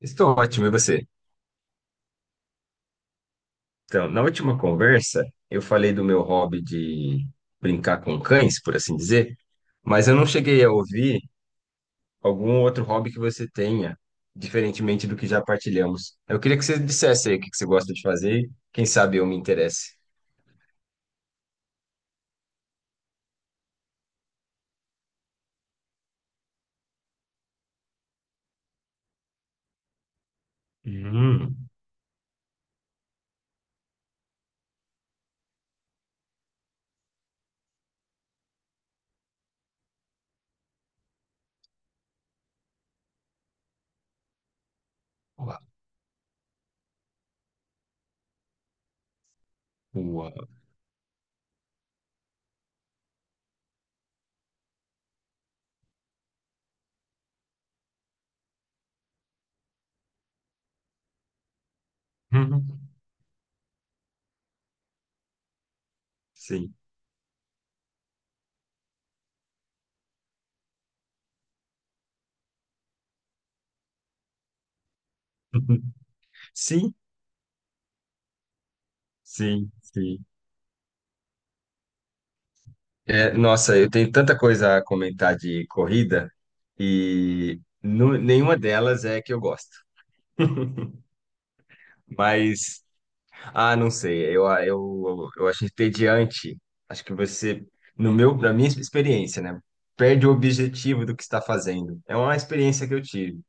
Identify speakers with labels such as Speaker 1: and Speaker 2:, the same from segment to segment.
Speaker 1: Estou ótimo, e você? Então, na última conversa, eu falei do meu hobby de brincar com cães, por assim dizer, mas eu não cheguei a ouvir algum outro hobby que você tenha, diferentemente do que já partilhamos. Eu queria que você dissesse aí o que você gosta de fazer, e quem sabe eu me interesse. Hum, ua- ua- hum, Sim. Sim, sim, sim. É, nossa, eu tenho tanta coisa a comentar de corrida e nenhuma delas é que eu gosto. Mas, ah, não sei, eu acho entediante. Acho que você, no meu, na minha experiência, né, perde o objetivo do que está fazendo. É uma experiência que eu tive.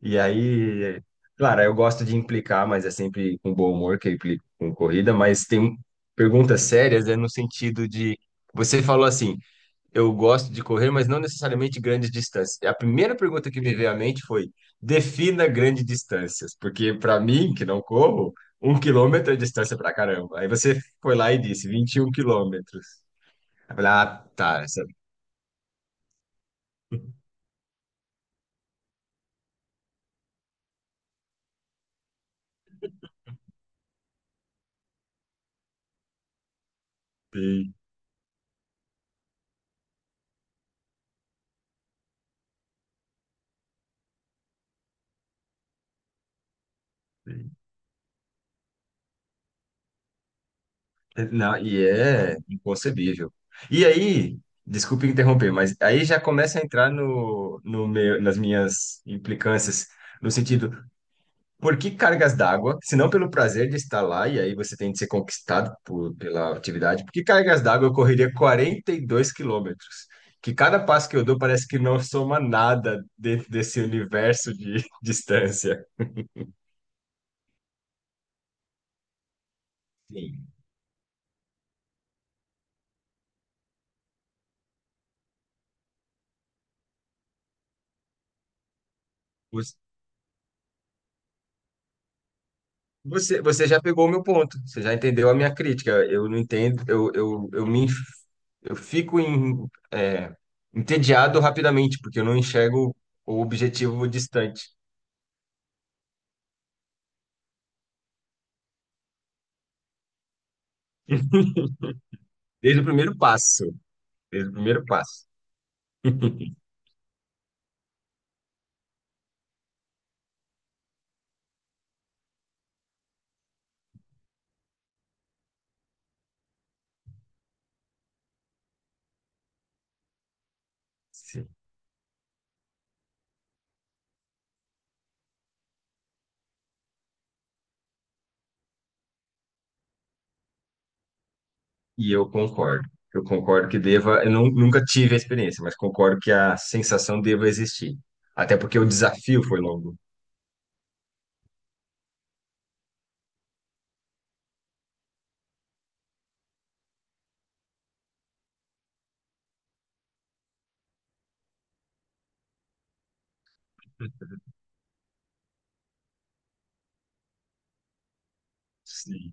Speaker 1: E aí, claro, eu gosto de implicar, mas é sempre com bom humor que eu implico com corrida, mas tem perguntas sérias, é no sentido de, você falou assim, eu gosto de correr, mas não necessariamente grandes distâncias. A primeira pergunta que me veio à mente foi: defina grandes distâncias, porque para mim, que não corro, um quilômetro é distância pra caramba. Aí você foi lá e disse 21 quilômetros. Eu falei, ah, tá. Essa... Sim, sim. Não, e é inconcebível. E aí, desculpe interromper, mas aí já começa a entrar no, no meu, nas minhas implicâncias, no sentido. Por que cargas d'água? Se não pelo prazer de estar lá, e aí você tem de ser conquistado pela atividade, por que cargas d'água eu correria 42 quilômetros? Que cada passo que eu dou parece que não soma nada dentro desse universo de distância. Sim. Os- Você, já pegou o meu ponto, você já entendeu a minha crítica. Eu não entendo, eu fico em, é, entediado rapidamente, porque eu não enxergo o objetivo distante. Desde o primeiro passo, desde o primeiro passo. Sim. E eu concordo. Eu concordo que deva. Eu nunca tive a experiência, mas concordo que a sensação deva existir. Até porque o desafio foi longo. Sim,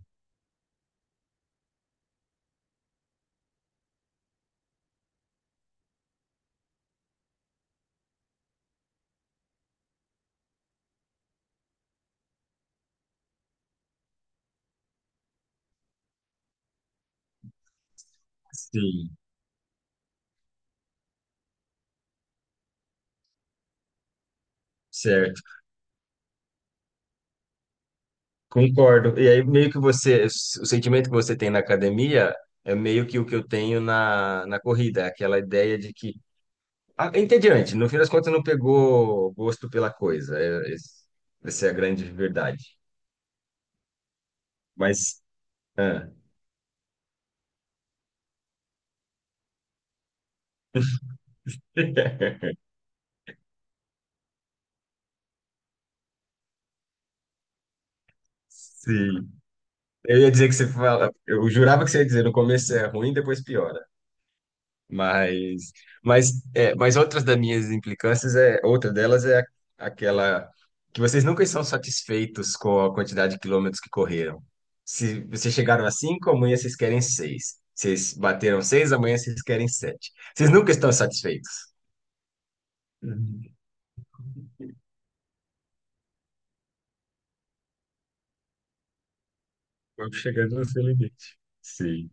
Speaker 1: sim, certo. Concordo. E aí, meio que você, o sentimento que você tem na academia é meio que o que eu tenho na corrida, é aquela ideia de que. Ah, é entediante, no fim das contas não pegou gosto pela coisa. Essa é a grande verdade. Mas, ah. Sim. Eu ia dizer que você fala, eu jurava que você ia dizer, no começo é ruim, depois piora. Mas, é, mas outras das minhas implicâncias é, outra delas é aquela que vocês nunca estão satisfeitos com a quantidade de quilômetros que correram. Se vocês chegaram a cinco, amanhã vocês querem seis. Vocês bateram seis, amanhã vocês querem sete. Vocês nunca estão satisfeitos. Uhum. Vamos chegando no seu limite. Sim.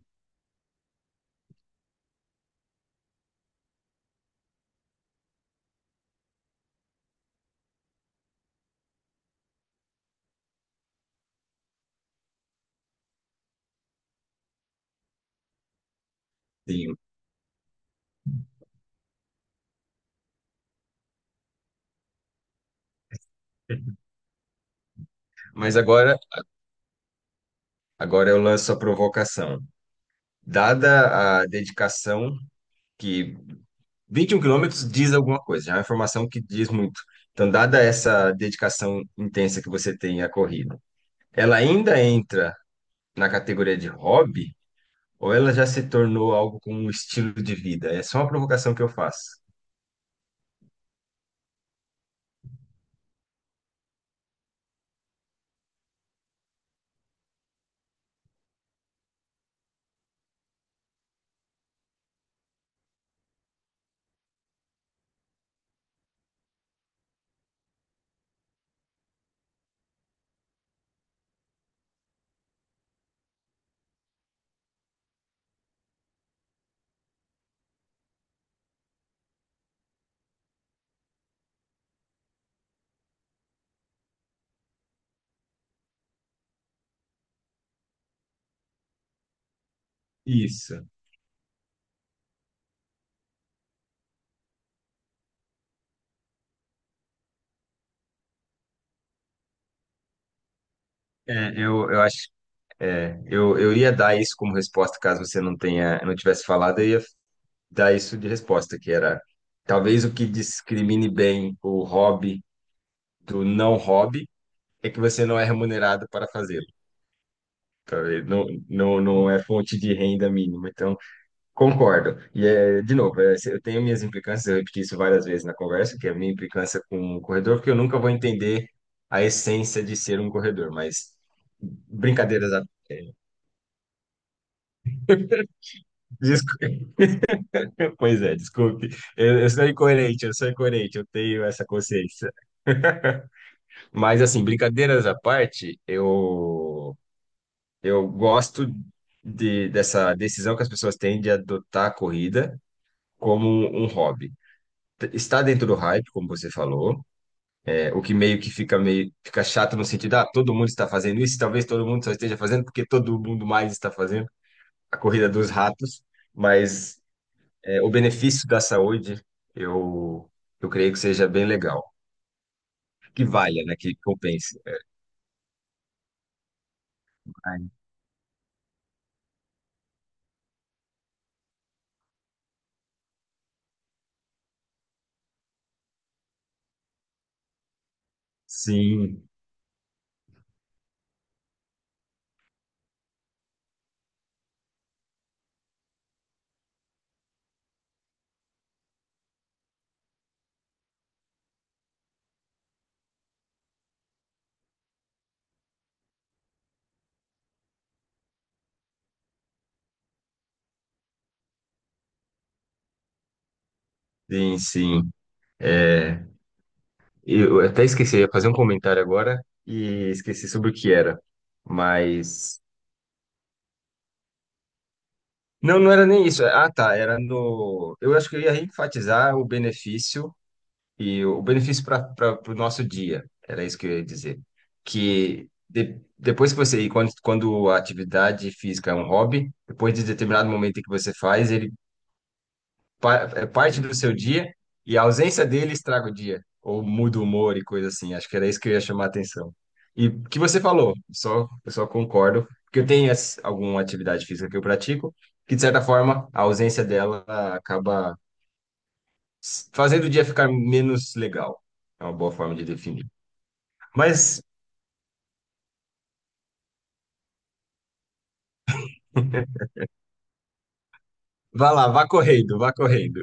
Speaker 1: Sim. Mas agora, agora eu lanço a provocação. Dada a dedicação que 21 quilômetros diz alguma coisa, já é uma informação que diz muito. Então, dada essa dedicação intensa que você tem à corrida, ela ainda entra na categoria de hobby ou ela já se tornou algo com um estilo de vida? É só uma provocação que eu faço. Isso. É, eu acho, é, eu ia dar isso como resposta caso você não tivesse falado, eu ia dar isso de resposta, que era talvez o que discrimine bem o hobby do não hobby é que você não é remunerado para fazer. Tá, e não, não, não é fonte de renda mínima, então concordo. E é, de novo, eu tenho minhas implicâncias, eu repeti isso várias vezes na conversa, que é a minha implicância com o corredor, porque eu nunca vou entender a essência de ser um corredor, mas brincadeiras à... Desculpe. Pois é, desculpe. Eu sou incoerente, eu sou incoerente, eu tenho essa consciência. Mas assim, brincadeiras à parte, eu gosto dessa decisão que as pessoas têm de adotar a corrida como um hobby. Está dentro do hype, como você falou. É, o que meio que fica chato no sentido, ah, todo mundo está fazendo isso, talvez todo mundo só esteja fazendo porque todo mundo mais está fazendo a corrida dos ratos, mas é, o benefício da saúde, eu eu creio que seja bem legal, que valha, né, que compense. Ai, sim, sim, sim. É, eu até esqueci, eu ia fazer um comentário agora e esqueci sobre o que era, mas não, não era nem isso. É, ah, tá. Era no. Eu acho que eu ia enfatizar o benefício e o benefício para o nosso dia. Era isso que eu ia dizer. Depois que você. E quando a atividade física é um hobby, depois de determinado momento em que você faz, ele é parte do seu dia e a ausência dele estraga o dia, ou muda o humor e coisa assim. Acho que era isso que eu ia chamar a atenção. E o que você falou, só, eu só concordo, porque eu tenho alguma atividade física que eu pratico, que de certa forma a ausência dela acaba fazendo o dia ficar menos legal. É uma boa forma de definir. Mas vá lá, vá correndo, vá correndo.